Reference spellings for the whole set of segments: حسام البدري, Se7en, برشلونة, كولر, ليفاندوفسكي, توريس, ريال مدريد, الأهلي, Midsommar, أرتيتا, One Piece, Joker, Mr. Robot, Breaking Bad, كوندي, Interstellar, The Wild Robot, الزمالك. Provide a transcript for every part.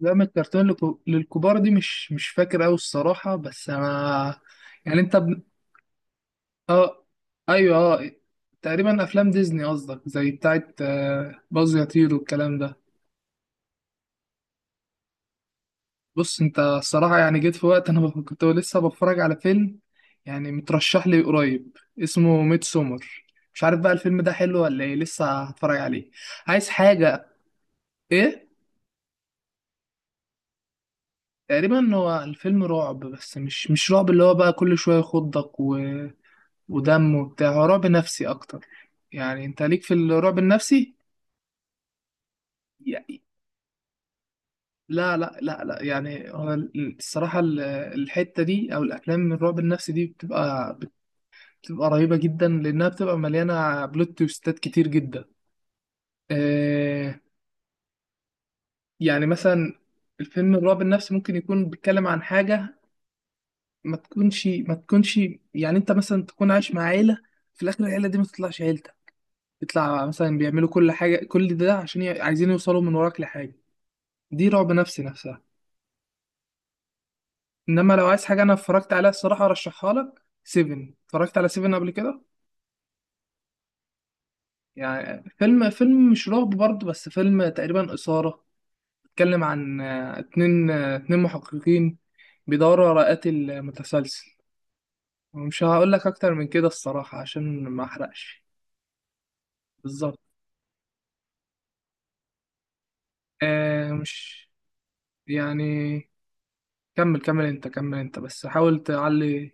أفلام الكرتون للكبار دي مش فاكر أوي الصراحة، بس أنا يعني آه، أيوه، آه. تقريبا أفلام ديزني قصدك، زي بتاعة باز يطير والكلام ده. بص، أنت الصراحة يعني جيت في وقت أنا كنت لسه بتفرج على فيلم يعني مترشح لي قريب اسمه ميد سومر. مش عارف بقى الفيلم ده حلو ولا إيه، لسه هتفرج عليه. عايز حاجة؟ إيه؟ تقريبا هو الفيلم رعب، بس مش رعب اللي هو بقى كل شوية يخضك ودم وبتاع، هو رعب نفسي اكتر. يعني انت ليك في الرعب النفسي؟ يعني لا لا لا لا، يعني هو الصراحة الحتة دي او الافلام من الرعب النفسي دي بتبقى رهيبة جدا لانها بتبقى مليانة بلوت تويستات كتير جدا. آه. يعني مثلا الفيلم الرعب النفسي ممكن يكون بيتكلم عن حاجة ما تكونش. يعني انت مثلا تكون عايش مع عيلة، في الاخر العيلة دي ما تطلعش عيلتك، يطلع مثلا بيعملوا كل حاجة، كل ده عشان عايزين يوصلوا من وراك لحاجة. دي رعب نفسي نفسها. انما لو عايز حاجه انا اتفرجت عليها الصراحه ارشحها لك سيفن، اتفرجت على سيفن قبل كده؟ يعني فيلم مش رعب برضه، بس فيلم تقريبا اثاره. اتكلم عن اتنين، اتنين محققين بيدوروا على قاتل متسلسل. ومش هقول لك اكتر من كده الصراحه عشان ما احرقش. بالظبط. آه، مش يعني. كمل كمل انت، كمل انت، بس حاول تعلي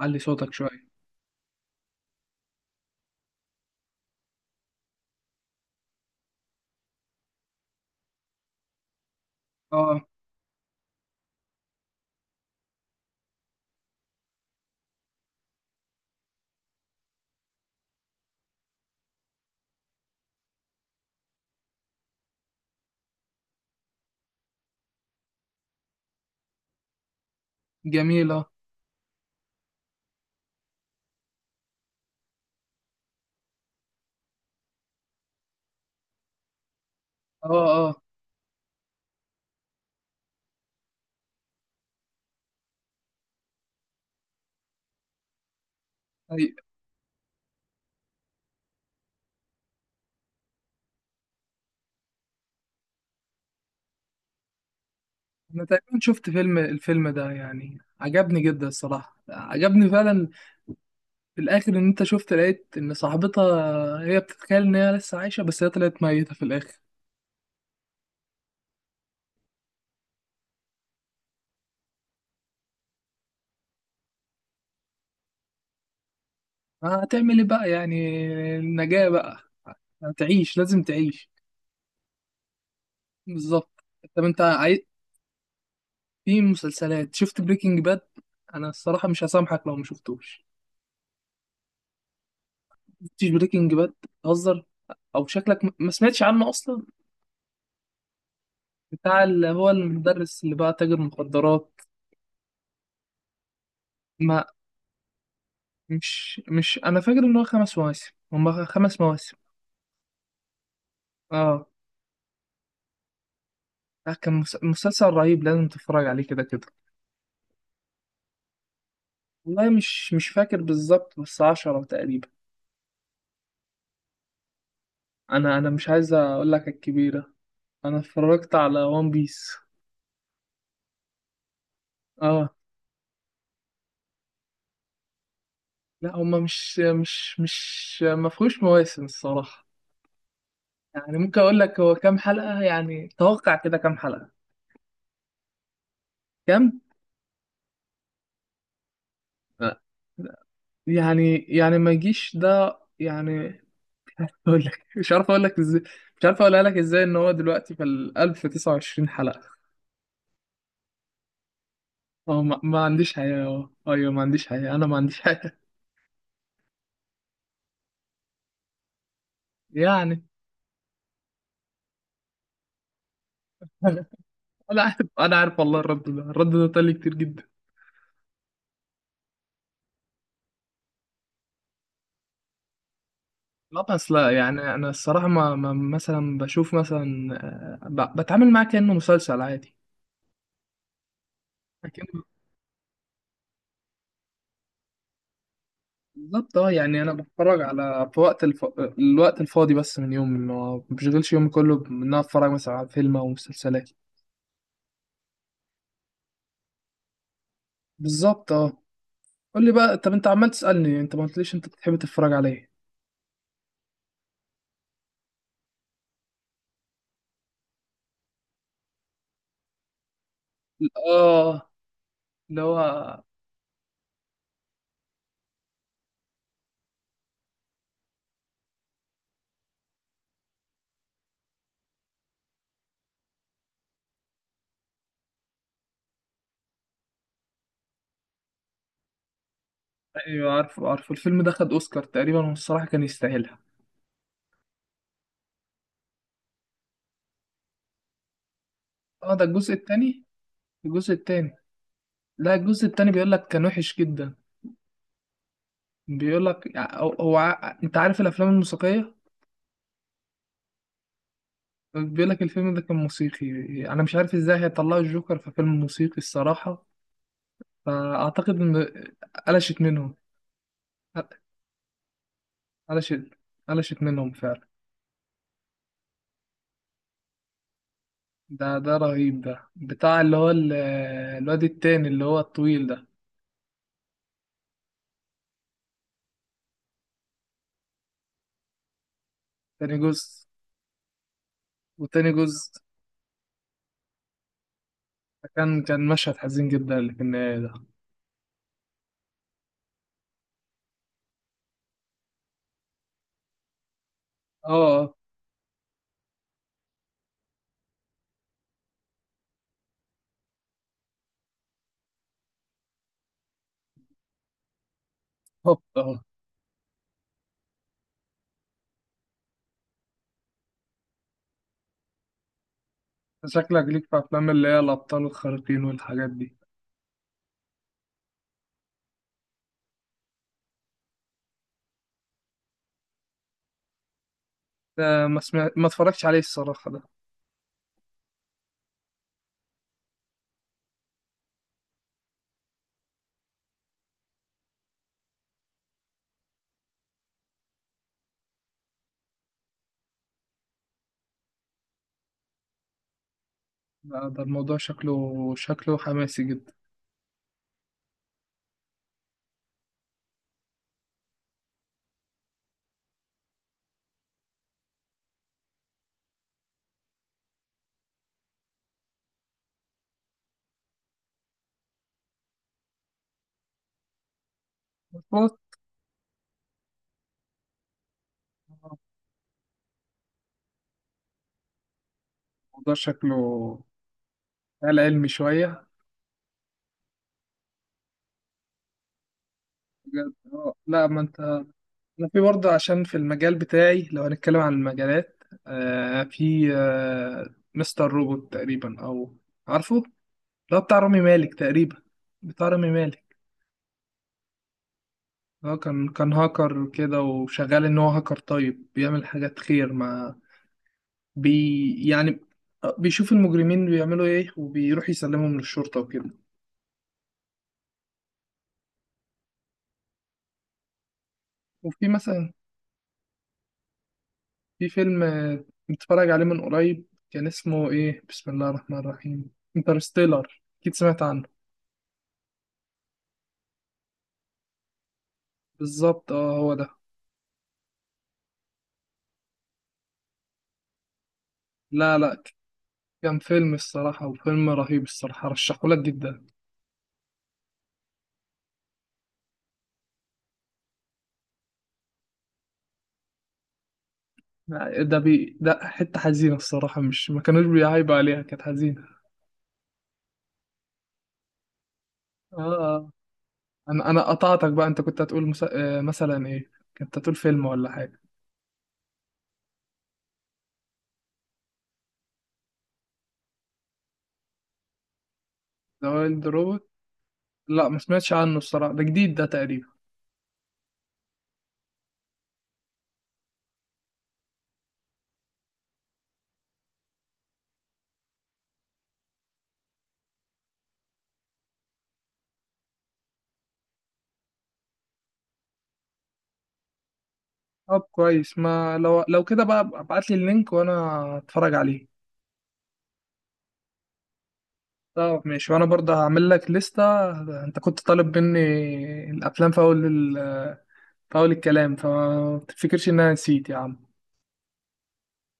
علي صوتك شويه. اه، جميله، اه، اه. آه. طيب. انا تقريبا شفت الفيلم ده، يعني عجبني جدا الصراحه، عجبني فعلا. في الاخر ان انت شفت لقيت ان صاحبتها هي بتتخيل ان هي لسه عايشه، بس هي طلعت ميته في الاخر. هتعمل ايه بقى يعني؟ النجاه بقى، هتعيش، لازم تعيش. بالظبط. طب في مسلسلات، شفت بريكنج باد؟ انا الصراحه مش هسامحك لو ما شفتوش. شفتش بريكنج باد؟ تهزر؟ او شكلك ما سمعتش عنه اصلا. بتاع اللي هو المدرس اللي بقى تاجر مخدرات. ما مش انا فاكر ان هو خمس مواسم، هم خمس مواسم. اه. لا، كان مسلسل رهيب، لازم تتفرج عليه كده كده. والله مش فاكر بالظبط، بس عشرة تقريبا. انا مش عايز اقول لك الكبيرة. انا اتفرجت على وان بيس. اه. لا هم مش مش مش ما فيهوش مواسم الصراحة. يعني ممكن اقول لك هو كام حلقة، يعني توقع كده كام حلقة. كام؟ لا. يعني ما يجيش ده يعني. اقول لك مش عارف اقول لك ازاي. مش عارف اقولها لك ازاي ان هو دلوقتي في ال 1029 حلقة. اه، ما عنديش حياة، اه، ايوه، ما عنديش حياة، انا ما عنديش حياة يعني. انا أنا عارف، انا عارف، والله الرد ده الرد ده طلع كتير جدا. لا بس لا، يعني انا الصراحة ما مثلا بشوف مثلا، بتعامل معاه كأنه مسلسل عادي. لكن بالظبط، اه، يعني انا بتفرج على في وقت الوقت الفاضي، بس من يومي، ما بشغلش يومي كله ان انا اتفرج مثلا على فيلم او مسلسلات. بالظبط، اه. قول لي بقى، طب انت عمال تسألني انت ما قلتليش انت بتحب تتفرج على ايه. اه. اللي هو. ايوه، عارفه عارفه الفيلم ده خد اوسكار تقريبا والصراحة كان يستاهلها. اه، ده الجزء التاني. الجزء التاني. لا الجزء التاني بيقول لك كان وحش جدا. بيقول لك هو انت عارف الافلام الموسيقية. بيقول لك الفيلم ده كان موسيقي. انا مش عارف ازاي هيطلعوا الجوكر في فيلم موسيقي الصراحة. فاعتقد ان قلشت منهم. قلشت قلشت منهم فعلا. ده رهيب، ده بتاع اللي هو الواد التاني اللي هو الطويل ده. تاني جزء، وتاني جزء. كان مشهد حزين جدا اللي في النهاية ده. اه، اه، هوب، اه. شكلك ليك في أفلام اللي هي الأبطال الخارقين والحاجات دي. ده ما اتفرجتش عليه الصراحة ده. ده الموضوع شكله، شكله حماسي جدا. الموضوع شكله خيال علمي شوية. بجد، اه. لا ما انت، أنا في برضه عشان في المجال بتاعي لو هنتكلم عن المجالات، في مستر روبوت تقريبا، أو عارفه؟ ده بتاع رامي مالك تقريبا. بتاع رامي مالك. هو كان هاكر كده، وشغال إن هو هاكر طيب بيعمل حاجات خير مع يعني بيشوف المجرمين بيعملوا إيه وبيروح يسلمهم للشرطة وكده. وفي مثلا، في فيلم متفرج عليه من قريب. كان اسمه إيه، بسم الله الرحمن الرحيم، انترستيلر. أكيد سمعت عنه. بالظبط، اه، هو ده. لا كان فيلم الصراحة، وفيلم رهيب الصراحة، رشحهولك جدا. ده ده حتة حزينة الصراحة، مش ما كانوش بيعيبوا عليها، كانت حزينة. اه. آه. انا قطعتك بقى، انت كنت هتقول مثلا ايه، كنت هتقول فيلم ولا حاجة. ذا وايلد روبوت. لا ما سمعتش عنه الصراحة، ده جديد ده تقريبا. طب كويس، ما لو كده بقى ابعت لي اللينك وانا اتفرج عليه. طب ماشي، وانا برضه هعمل لك لستة. انت كنت طالب مني الافلام في اول، فاول الكلام، فما تفتكرش ان انا نسيت يا عم.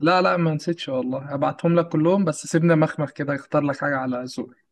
لا ما نسيتش والله، هبعتهم لك كلهم، بس سيبنا مخمخ كده اختار لك حاجة على ذوقي.